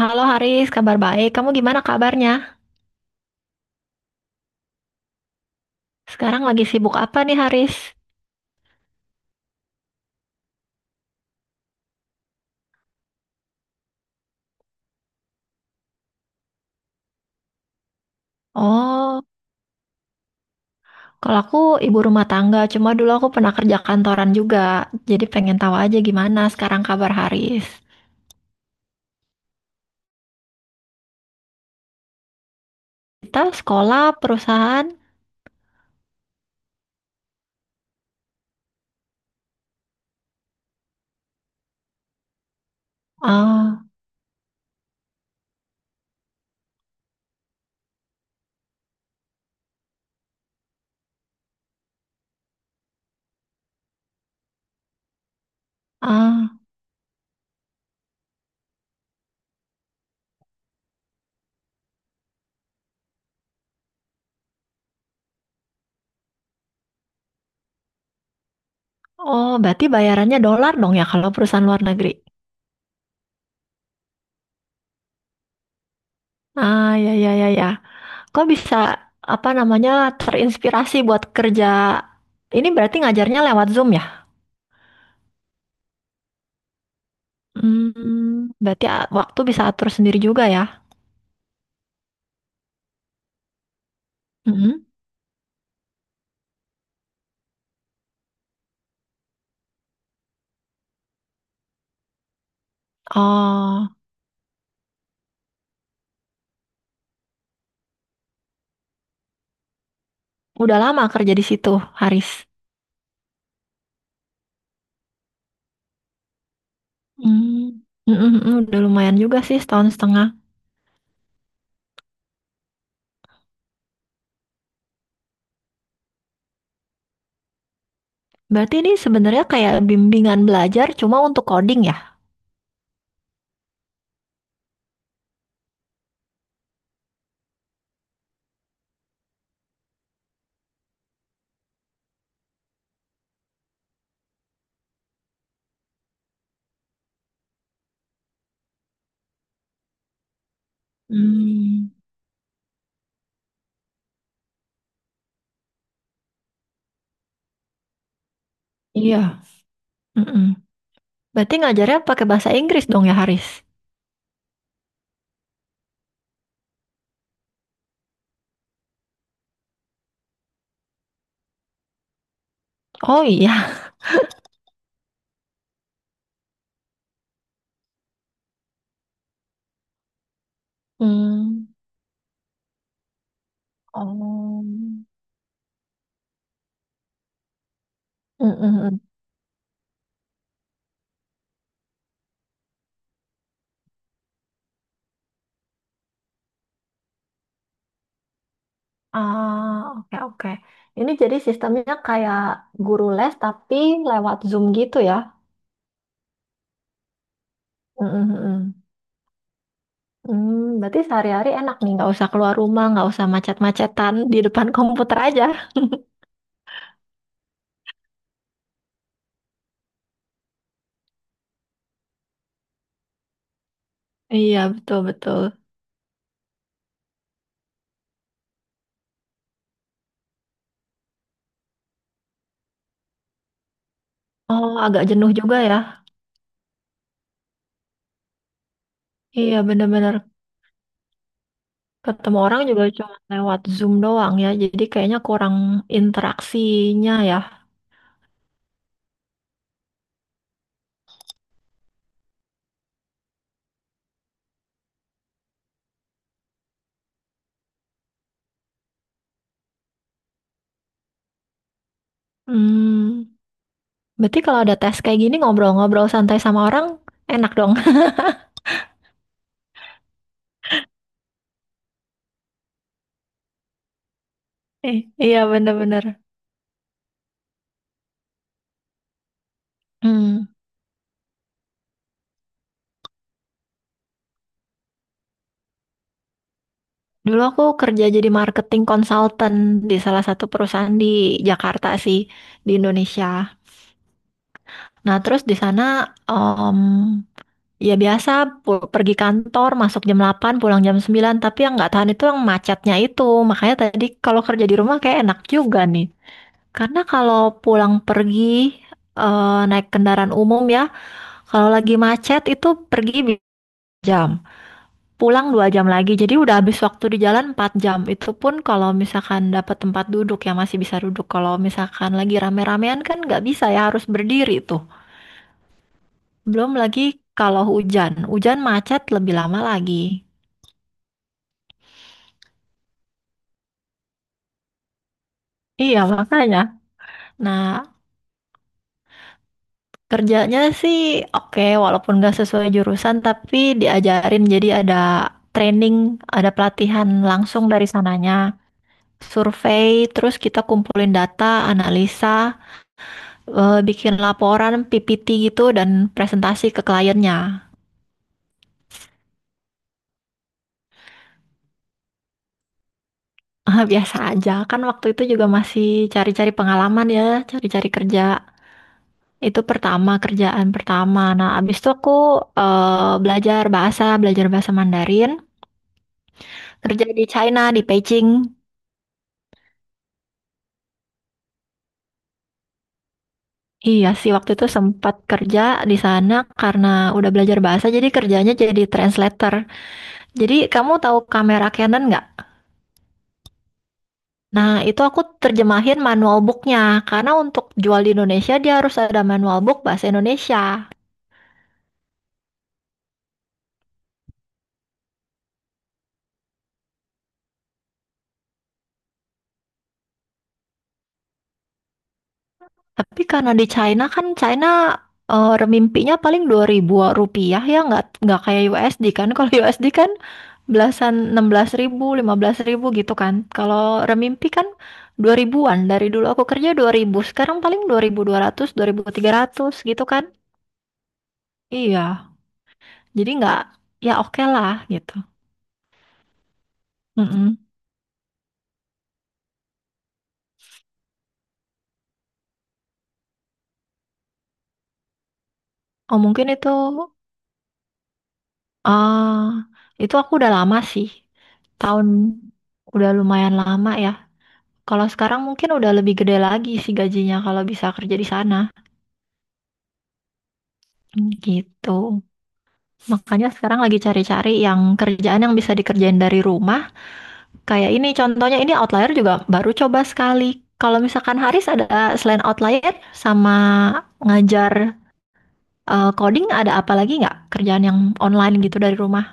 Halo Haris, kabar baik. Kamu gimana kabarnya? Sekarang lagi sibuk apa nih Haris? Oh, kalau aku ibu rumah tangga, cuma dulu aku pernah kerja kantoran juga. Jadi pengen tahu aja gimana sekarang kabar Haris. Kita sekolah, perusahaan, ah, ah, oh berarti bayarannya dolar dong ya kalau perusahaan luar negeri. Ah, ya, ya, ya, ya. Kok bisa, apa namanya, terinspirasi buat kerja? Ini berarti ngajarnya lewat Zoom ya? Hmm, berarti waktu bisa atur sendiri juga ya? Mm-mm. Oh, udah lama kerja di situ, Haris. Hmm, mm-mm, udah lumayan juga sih setahun setengah. Berarti ini sebenarnya kayak bimbingan belajar cuma untuk coding ya? Hmm, iya. Mm-mm. Berarti ngajarnya pakai bahasa Inggris dong ya, Haris? Oh iya. Hmm, oh. Mm-mm. Ah, oke oke. Ini jadi sistemnya kayak guru les tapi lewat Zoom gitu ya? Mm, mm, mm. Hmm, berarti sehari-hari enak nih, nggak usah keluar rumah, nggak usah macet-macetan di depan komputer aja. Iya, betul-betul. Oh, agak jenuh juga ya. Iya, bener-bener. Ketemu orang juga cuma lewat Zoom doang ya, jadi kayaknya kurang interaksinya ya. Hmm, berarti kalau ada tes kayak gini ngobrol-ngobrol santai sama orang, enak dong. Eh, Iya, bener-bener. Hmm. Dulu aku kerja jadi marketing consultant di salah satu perusahaan di Jakarta sih, di Indonesia. Nah, terus di sana ya biasa pergi kantor masuk jam 8 pulang jam 9 tapi yang nggak tahan itu yang macetnya itu. Makanya tadi kalau kerja di rumah kayak enak juga nih. Karena kalau pulang pergi naik kendaraan umum ya, kalau lagi macet itu pergi jam, pulang 2 jam lagi. Jadi udah habis waktu di jalan 4 jam. Itu pun kalau misalkan dapat tempat duduk ya masih bisa duduk. Kalau misalkan lagi rame-ramean kan nggak bisa ya harus berdiri itu. Belum lagi kalau hujan. Hujan macet lebih lama lagi. Iya, makanya. Nah, kerjanya sih oke, walaupun nggak sesuai jurusan, tapi diajarin jadi ada training, ada pelatihan langsung dari sananya. Survei, terus kita kumpulin data, analisa, bikin laporan, PPT gitu, dan presentasi ke kliennya. Biasa aja, kan waktu itu juga masih cari-cari pengalaman ya, cari-cari kerja. Itu pertama, kerjaan pertama. Nah, abis itu aku belajar bahasa Mandarin, kerja di China, di Beijing. Iya sih, waktu itu sempat kerja di sana karena udah belajar bahasa, jadi kerjanya jadi translator. Jadi kamu tahu kamera Canon nggak? Nah, itu aku terjemahin manual booknya, karena untuk jual di Indonesia dia harus ada manual book bahasa Indonesia. Tapi karena di China kan China remimpinya paling 2.000 rupiah ya nggak kayak USD kan. Kalau USD kan belasan 16.000, 15.000 gitu kan. Kalau remimpi kan 2.000-an Dari dulu aku kerja 2.000 sekarang paling 2.200, dua ribu ribu ratus tiga ratus gitu kan. Iya. Jadi nggak ya oke lah gitu. Mm-mm. Oh mungkin ah itu aku udah lama sih. Tahun udah lumayan lama ya. Kalau sekarang mungkin udah lebih gede lagi sih gajinya kalau bisa kerja di sana. Hmm, gitu. Makanya sekarang lagi cari-cari yang kerjaan yang bisa dikerjain dari rumah. Kayak ini contohnya ini outlier juga baru coba sekali. Kalau misalkan Haris ada selain outlier sama ngajar coding ada apa lagi nggak kerjaan yang online gitu dari rumah?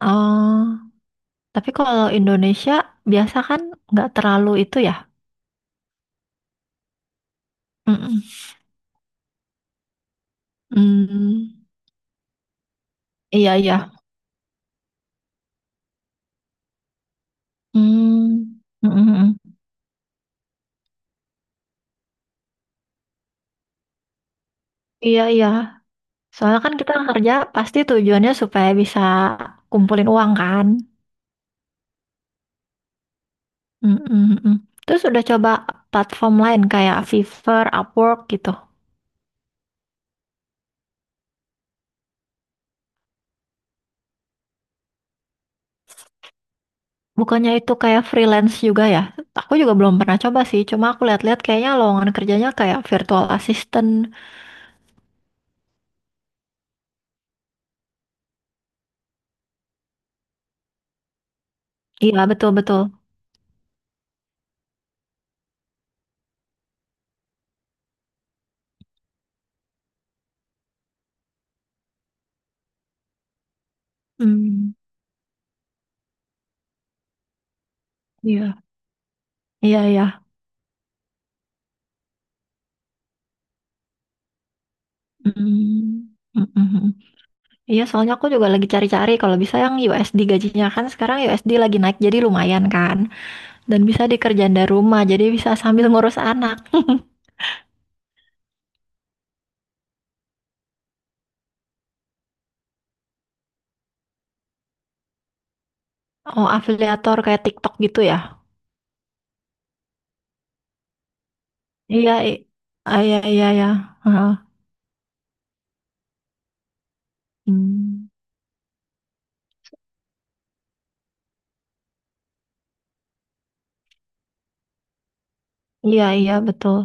Oh, tapi kalau Indonesia biasa kan nggak terlalu itu ya. Mm-mm. Hmm, iya iya. Hmm. Mm-mm. Iya, iya. Soalnya kan kita kerja pasti tujuannya supaya bisa kumpulin uang kan. Mm, mm, mm. Terus udah coba platform lain kayak Fiverr, Upwork gitu. Bukannya itu kayak freelance juga ya? Aku juga belum pernah coba sih. Cuma aku lihat-lihat kayaknya lowongan kerjanya kayak virtual assistant. Iya, betul-betul. Hmm, iya, iya, iya. Mm, mm, mm, mm. Iya, soalnya aku juga lagi cari-cari. Kalau bisa yang USD gajinya kan sekarang USD lagi naik jadi lumayan kan. Dan bisa dikerjain dari rumah, jadi bisa sambil ngurus anak. Oh, afiliator kayak TikTok gitu ya? Iya, iya, iya, iya. Heeh. Hmm. Iya, iya, betul.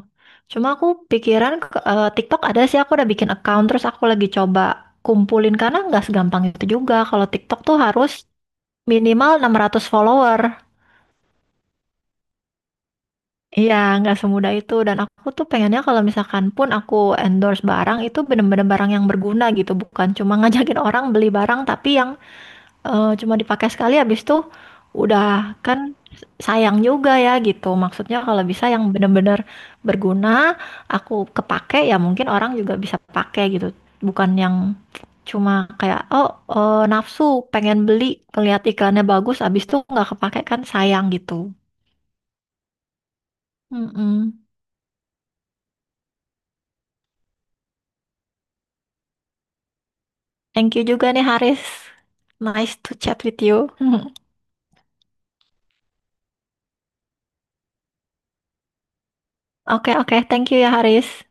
Cuma aku pikiran TikTok ada sih, aku udah bikin account, terus aku lagi coba kumpulin, karena nggak segampang itu juga. Kalau TikTok tuh harus minimal 600 follower. Iya, nggak semudah itu. Dan aku tuh pengennya kalau misalkan pun aku endorse barang, itu bener-bener barang yang berguna gitu. Bukan cuma ngajakin orang beli barang, tapi yang cuma dipakai sekali habis itu udah kan sayang juga ya gitu. Maksudnya kalau bisa yang benar-benar berguna, aku kepake ya mungkin orang juga bisa pakai gitu. Bukan yang cuma kayak oh nafsu pengen beli ngeliat iklannya bagus habis itu nggak kepake kan sayang gitu. Mm-mm. Thank you juga nih Haris. Nice to chat with you. Oke oke, Thank you ya Haris.